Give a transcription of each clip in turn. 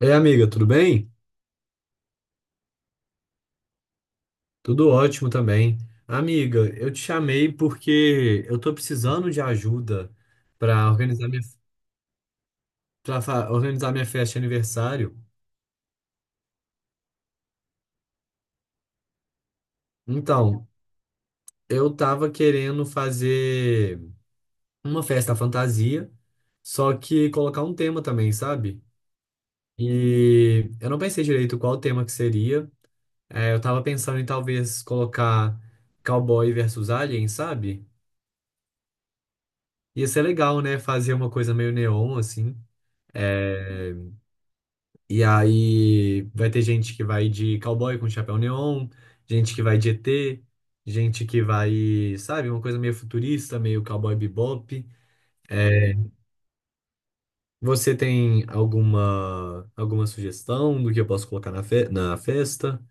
É, amiga, tudo bem? Tudo ótimo também. Amiga, eu te chamei porque eu tô precisando de ajuda para organizar organizar minha festa de aniversário. Então, eu tava querendo fazer uma festa fantasia, só que colocar um tema também, sabe? E eu não pensei direito qual o tema que seria. Eu tava pensando em talvez colocar cowboy versus alien, sabe? Ia ser legal, né? Fazer uma coisa meio neon, assim. É, e aí vai ter gente que vai de cowboy com chapéu neon, gente que vai de ET, gente que vai, sabe, uma coisa meio futurista, meio cowboy bebop. É, você tem alguma sugestão do que eu posso colocar na festa?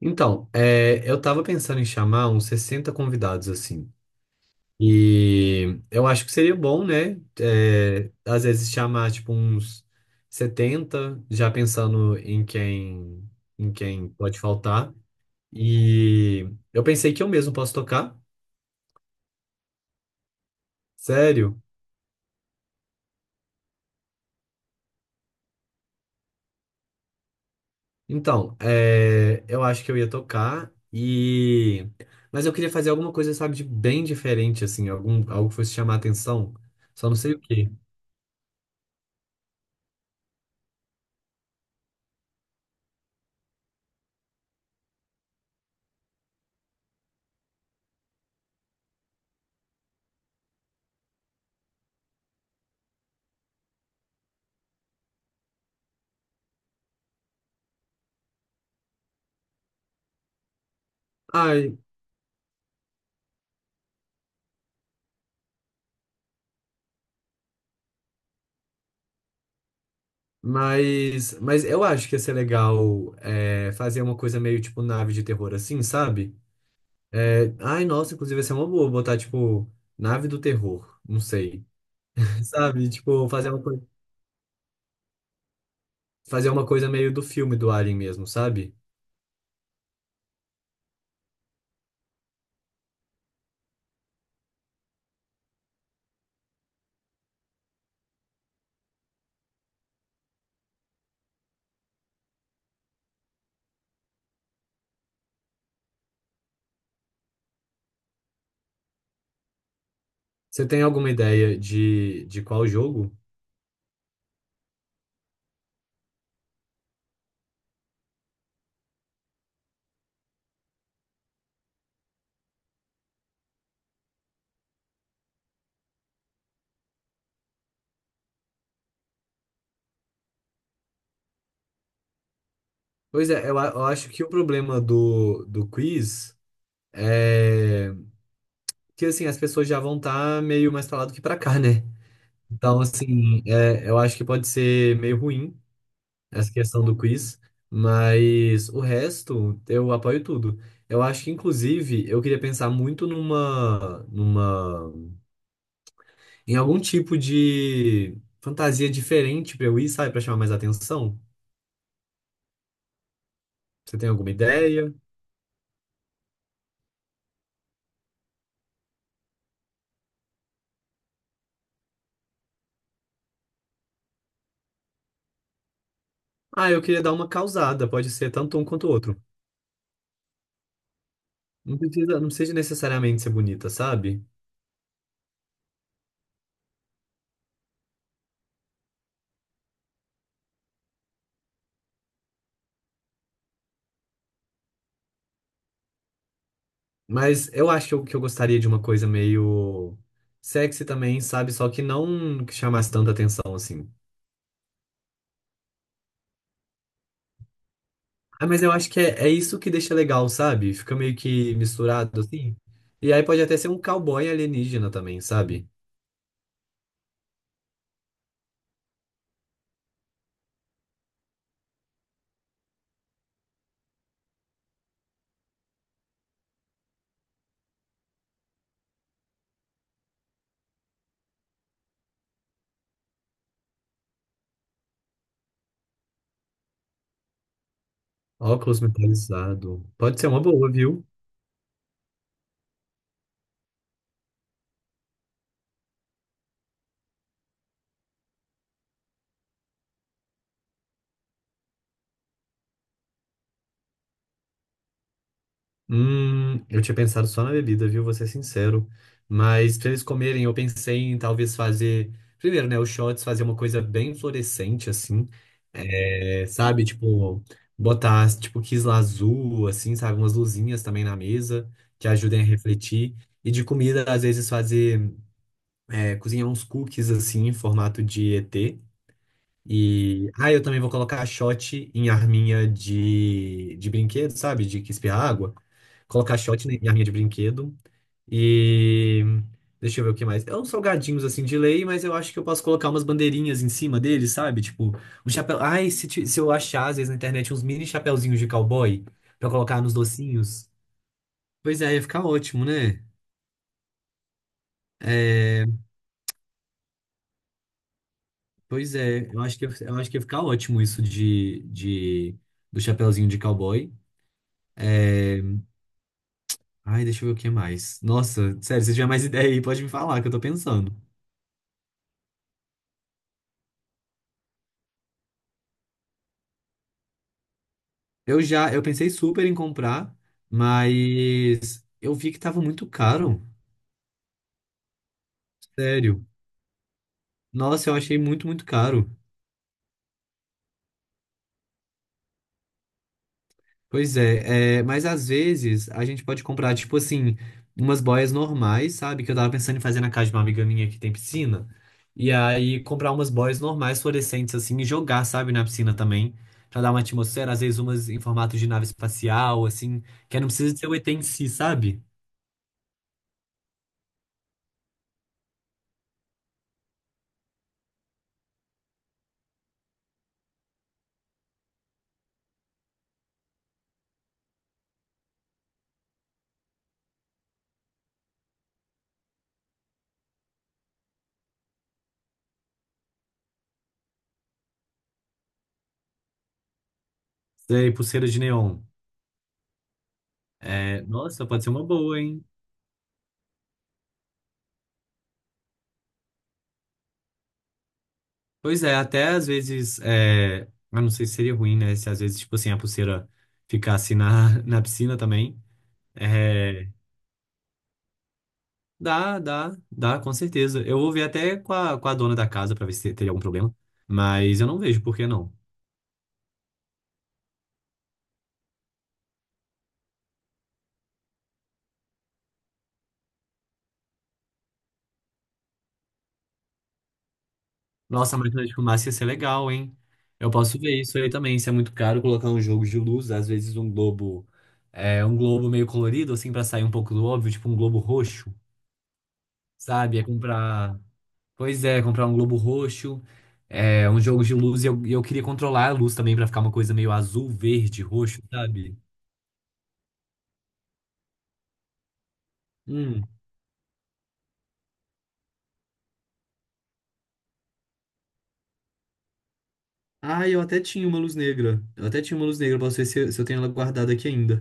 Então, é, eu tava pensando em chamar uns 60 convidados assim. E eu acho que seria bom, né? É, às vezes chamar tipo uns 70 já pensando em quem pode faltar. E eu pensei que eu mesmo posso tocar. Sério? Então, é, eu acho que eu ia tocar e mas eu queria fazer alguma coisa, sabe, de bem diferente assim, algum algo que fosse chamar a atenção. Só não sei o quê. Ah, mas eu acho que ia ser legal é, fazer uma coisa meio tipo nave de terror assim, sabe? É, ai, nossa, inclusive ia ser uma boa botar tipo nave do terror, não sei. Sabe? Tipo, fazer uma coisa meio do filme do Alien mesmo, sabe? Você tem alguma ideia de qual jogo? Pois é, eu acho que o problema do quiz é que assim, as pessoas já vão estar meio mais pra lá do que pra cá, né? Então, assim, é, eu acho que pode ser meio ruim essa questão do quiz, mas o resto eu apoio tudo. Eu acho que, inclusive, eu queria pensar muito em algum tipo de fantasia diferente pra eu ir, sabe, pra chamar mais atenção. Você tem alguma ideia? Ah, eu queria dar uma causada, pode ser tanto um quanto o outro. Não precisa necessariamente ser bonita, sabe? Mas eu acho que eu gostaria de uma coisa meio sexy também, sabe? Só que não que chamasse tanta atenção assim. Ah, mas eu acho que é isso que deixa legal, sabe? Fica meio que misturado assim. E aí pode até ser um cowboy alienígena também, sabe? Óculos metalizado. Pode ser uma boa, viu? Eu tinha pensado só na bebida, viu? Vou ser sincero. Mas pra eles comerem, eu pensei em talvez fazer. Primeiro, né? Os shots, fazer uma coisa bem fluorescente, assim. É, sabe? Tipo, botar, tipo, quisla azul, assim, sabe? Umas luzinhas também na mesa que ajudem a refletir. E de comida, às vezes, fazer. É, cozinhar uns cookies assim em formato de ET. E ah, eu também vou colocar a shot em arminha de brinquedo, sabe? De que espirra água. Colocar a shot em arminha de brinquedo. E deixa eu ver o que mais. É uns salgadinhos assim de lei, mas eu acho que eu posso colocar umas bandeirinhas em cima deles, sabe? Tipo, um chapéu. Ai, se eu achar às vezes na internet uns mini chapéuzinhos de cowboy pra colocar nos docinhos. Pois é, ia ficar ótimo, né? É, pois é, eu acho que ia ficar ótimo isso de do chapeuzinho de cowboy. Ai, deixa eu ver o que mais. Nossa, sério, se tiver mais ideia aí, pode me falar, que eu tô pensando. Eu pensei super em comprar, mas eu vi que tava muito caro. Sério. Nossa, eu achei muito, muito caro. Pois é, é, mas às vezes a gente pode comprar, tipo assim, umas boias normais, sabe? Que eu tava pensando em fazer na casa de uma amiga minha que tem piscina. E aí comprar umas boias normais, fluorescentes, assim, e jogar, sabe, na piscina também. Pra dar uma atmosfera, às vezes umas em formato de nave espacial, assim, que não precisa ser o ET em si, sabe? Sei, pulseira de neon. É, nossa, pode ser uma boa, hein? Pois é, até às vezes, é, eu não sei se seria ruim, né? Se às vezes, tipo assim, a pulseira ficasse na, na piscina também. É, dá, dá, dá, com certeza. Eu vou ver até com com a dona da casa pra ver se teria algum problema. Mas eu não vejo por que não. Nossa, a máquina de fumaça ia ser legal, hein? Eu posso ver isso aí também. Se é muito caro colocar um jogo de luz, às vezes um globo, é, um globo meio colorido, assim, pra sair um pouco do óbvio, tipo um globo roxo, sabe? É comprar. Pois é, comprar um globo roxo, é, um jogo de luz. E eu queria controlar a luz também pra ficar uma coisa meio azul, verde, roxo, sabe? Hum. Ah, eu até tinha uma luz negra. Eu até tinha uma luz negra, posso ver se eu tenho ela guardada aqui ainda.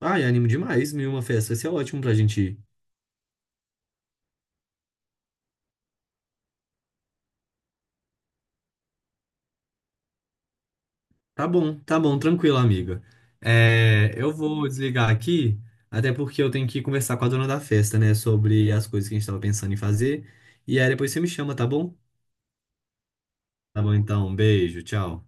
Ai, animo demais, mil e uma festa. Vai ser ótimo pra gente ir. Tranquilo, amiga. É, eu vou desligar aqui, até porque eu tenho que conversar com a dona da festa, né, sobre as coisas que a gente tava pensando em fazer. E aí depois você me chama, tá bom? Tá bom, então, beijo, tchau.